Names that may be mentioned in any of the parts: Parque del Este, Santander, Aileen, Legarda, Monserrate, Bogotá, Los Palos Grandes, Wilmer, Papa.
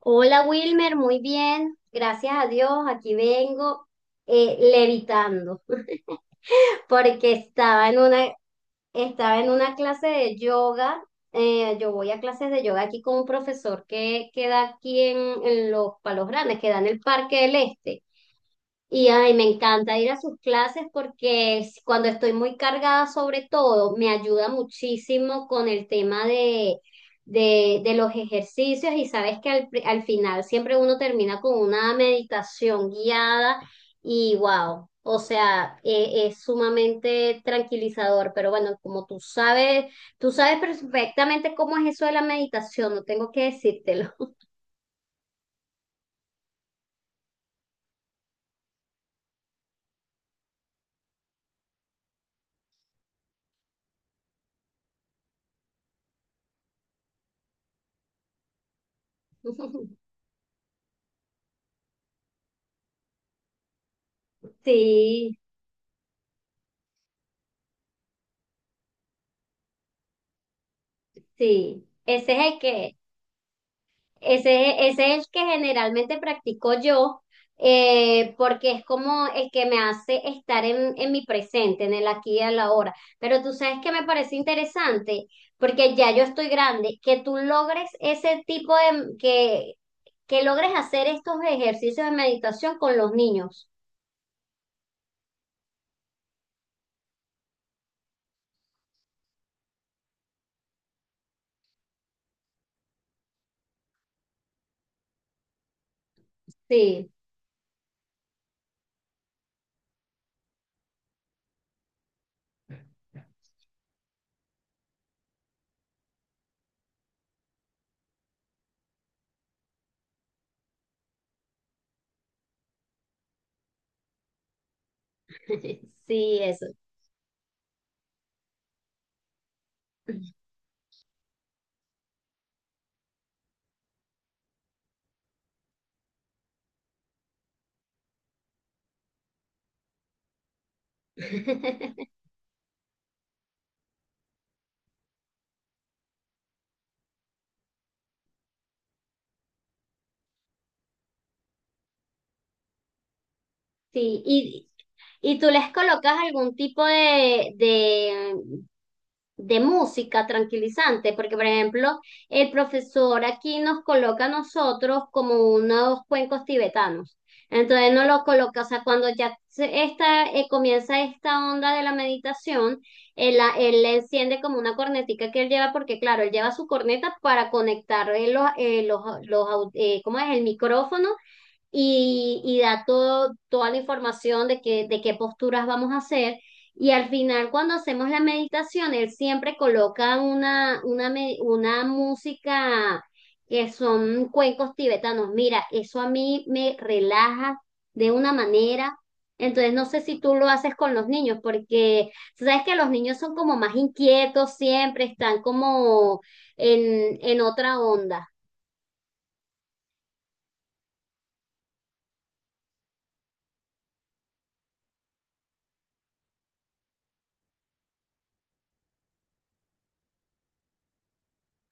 Hola Wilmer, muy bien, gracias a Dios, aquí vengo levitando porque estaba en estaba en una clase de yoga. Yo voy a clases de yoga aquí con un profesor que queda aquí en los Palos Grandes, que da en el Parque del Este. Y ay, me encanta ir a sus clases porque cuando estoy muy cargada sobre todo, me ayuda muchísimo con el tema de los ejercicios y sabes que al final siempre uno termina con una meditación guiada y wow, o sea, es sumamente tranquilizador, pero bueno, como tú sabes perfectamente cómo es eso de la meditación, no tengo que decírtelo. Sí, sí, ese es el que ese es el que generalmente practico yo, porque es como el que me hace estar en mi presente, en el aquí y a la hora. Pero tú sabes que me parece interesante, porque ya yo estoy grande, que tú logres ese tipo que logres hacer estos ejercicios de meditación con los niños. Sí, sí, eso. Sí, y tú les colocas algún tipo de música tranquilizante, porque por ejemplo, el profesor aquí nos coloca a nosotros como unos cuencos tibetanos. Entonces no lo coloca, o sea, cuando esta, comienza esta onda de la meditación, él la enciende como una cornetica que él lleva, porque claro, él lleva su corneta para conectar ¿cómo es? El micrófono y da toda la información de que de qué posturas vamos a hacer. Y al final, cuando hacemos la meditación, él siempre coloca una música que son cuencos tibetanos. Mira, eso a mí me relaja de una manera. Entonces, no sé si tú lo haces con los niños, porque tú sabes que los niños son como más inquietos siempre, están como en otra onda.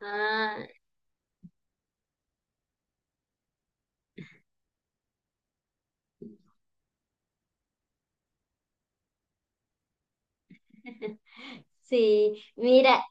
Ah, sí, mira,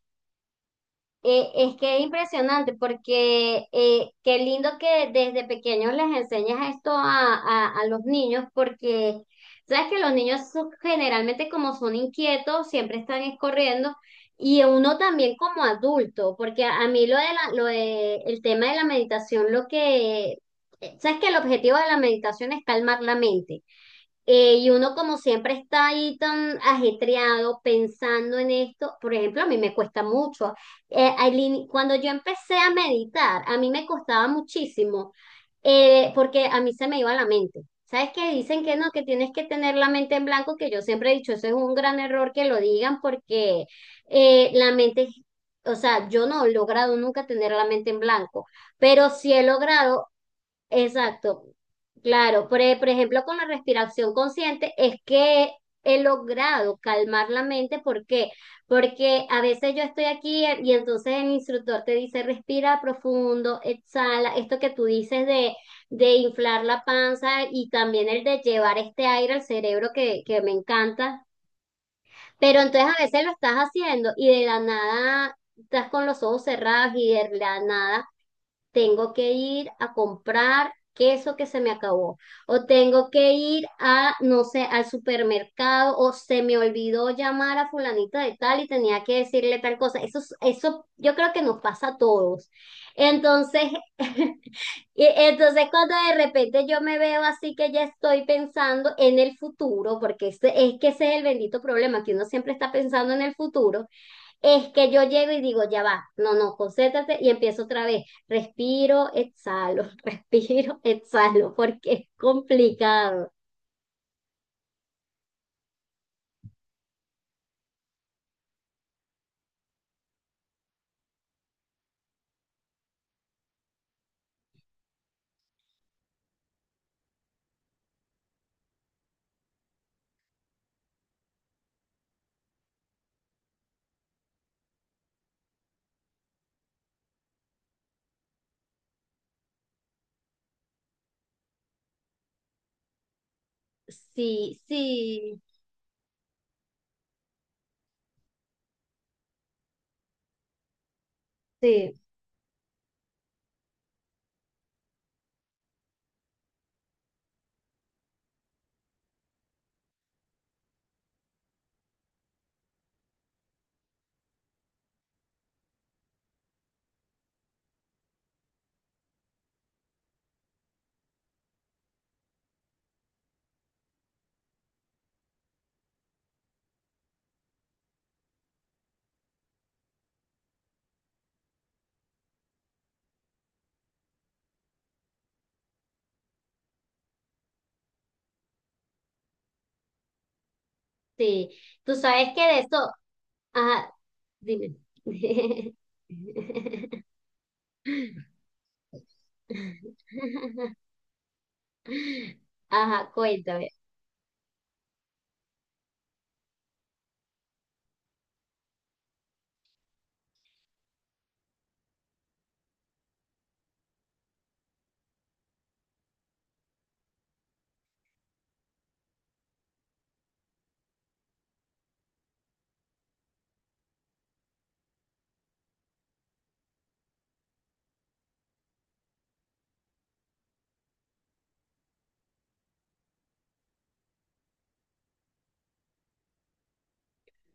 Es que es impresionante porque qué lindo que desde pequeños les enseñas esto a los niños porque sabes que los niños generalmente como son inquietos siempre están es corriendo y uno también como adulto porque a mí lo de la, lo de el tema de la meditación lo que sabes que el objetivo de la meditación es calmar la mente, y uno como siempre está ahí tan ajetreado pensando en esto, por ejemplo, a mí me cuesta mucho. Aileen, cuando yo empecé a meditar, a mí me costaba muchísimo, porque a mí se me iba la mente. ¿Sabes qué? Dicen que no, que tienes que tener la mente en blanco, que yo siempre he dicho, eso es un gran error que lo digan porque eh, la mente, o sea, yo no he logrado nunca tener la mente en blanco, pero sí he logrado. Exacto, claro. Por ejemplo, con la respiración consciente es que he logrado calmar la mente. ¿Por qué? Porque a veces yo estoy aquí, y entonces el instructor te dice respira profundo, exhala, esto que tú dices de inflar la panza y también el de llevar este aire al cerebro que me encanta. Pero entonces a veces lo estás haciendo y de la nada estás con los ojos cerrados y de la nada tengo que ir a comprar queso que se me acabó, o tengo que ir a, no sé, al supermercado, o se me olvidó llamar a fulanita de tal y tenía que decirle tal cosa. Eso, eso yo creo que nos pasa a todos. Entonces, y entonces cuando de repente yo me veo así que ya estoy pensando en el futuro, porque es que ese es el bendito problema, que uno siempre está pensando en el futuro, es que yo llego y digo, ya va, no, no, concéntrate y empiezo otra vez. Respiro, exhalo, respiro, exhalo, porque es complicado. Sí, sí, sí, sí. Tú sabes que de eso, ajá, dime. Ajá, cuéntame.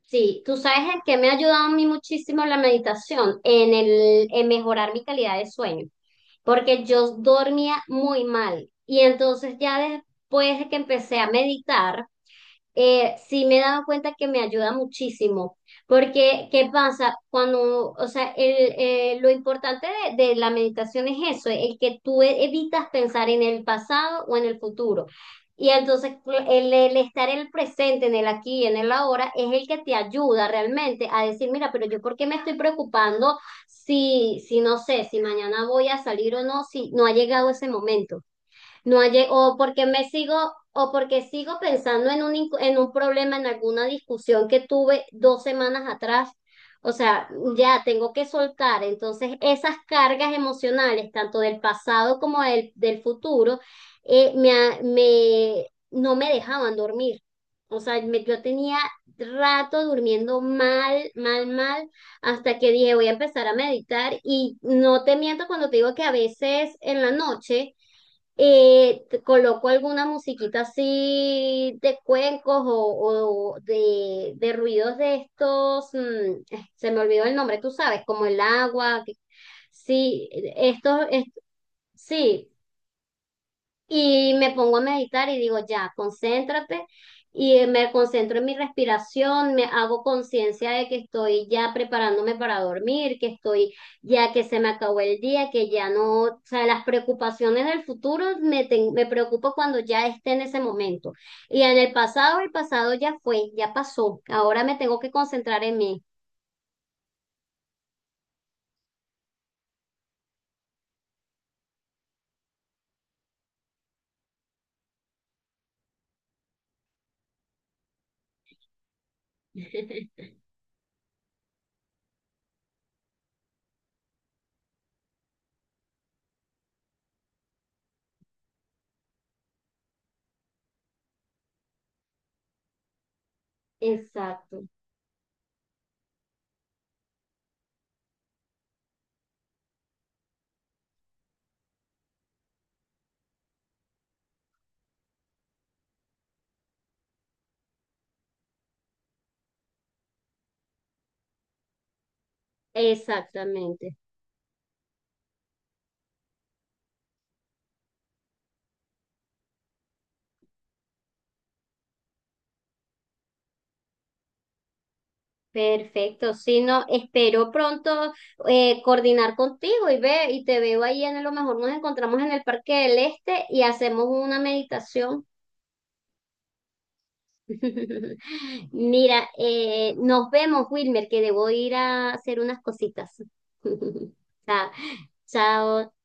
Sí, tú sabes el que me ha ayudado a mí muchísimo la meditación en en mejorar mi calidad de sueño, porque yo dormía muy mal. Y entonces ya después de que empecé a meditar, sí me he dado cuenta que me ayuda muchísimo, porque ¿qué pasa? Cuando, o sea, lo importante de la meditación es eso, el que evitas pensar en el pasado o en el futuro. Y entonces el estar en el presente, en el aquí y en el ahora, es el que te ayuda realmente a decir, mira, pero yo ¿por qué me estoy preocupando si, si no sé, si mañana voy a salir o no, si no ha llegado ese momento? No hay, o porque me sigo, o porque sigo pensando en en un problema, en alguna discusión que tuve dos semanas atrás. O sea, ya tengo que soltar. Entonces, esas cargas emocionales, tanto del pasado como del futuro, me, no me dejaban dormir. O sea, yo tenía rato durmiendo mal, mal, mal, hasta que dije, voy a empezar a meditar. Y no te miento cuando te digo que a veces en la noche te coloco alguna musiquita así de cuencos o de ruidos de estos, se me olvidó el nombre, tú sabes, como el agua, sí, estos, es- sí, y me pongo a meditar y digo, ya, concéntrate. Y me concentro en mi respiración, me hago conciencia de que estoy ya preparándome para dormir, que estoy ya, que se me acabó el día, que ya no, o sea, las preocupaciones del futuro me preocupo cuando ya esté en ese momento. Y en el pasado ya fue, ya pasó. Ahora me tengo que concentrar en mí. Exacto, exactamente. Perfecto, si no, espero pronto coordinar contigo y ve, y te veo ahí, en, a lo mejor nos encontramos en el Parque del Este y hacemos una meditación. Mira, nos vemos, Wilmer, que debo ir a hacer unas cositas. Chao. Chao.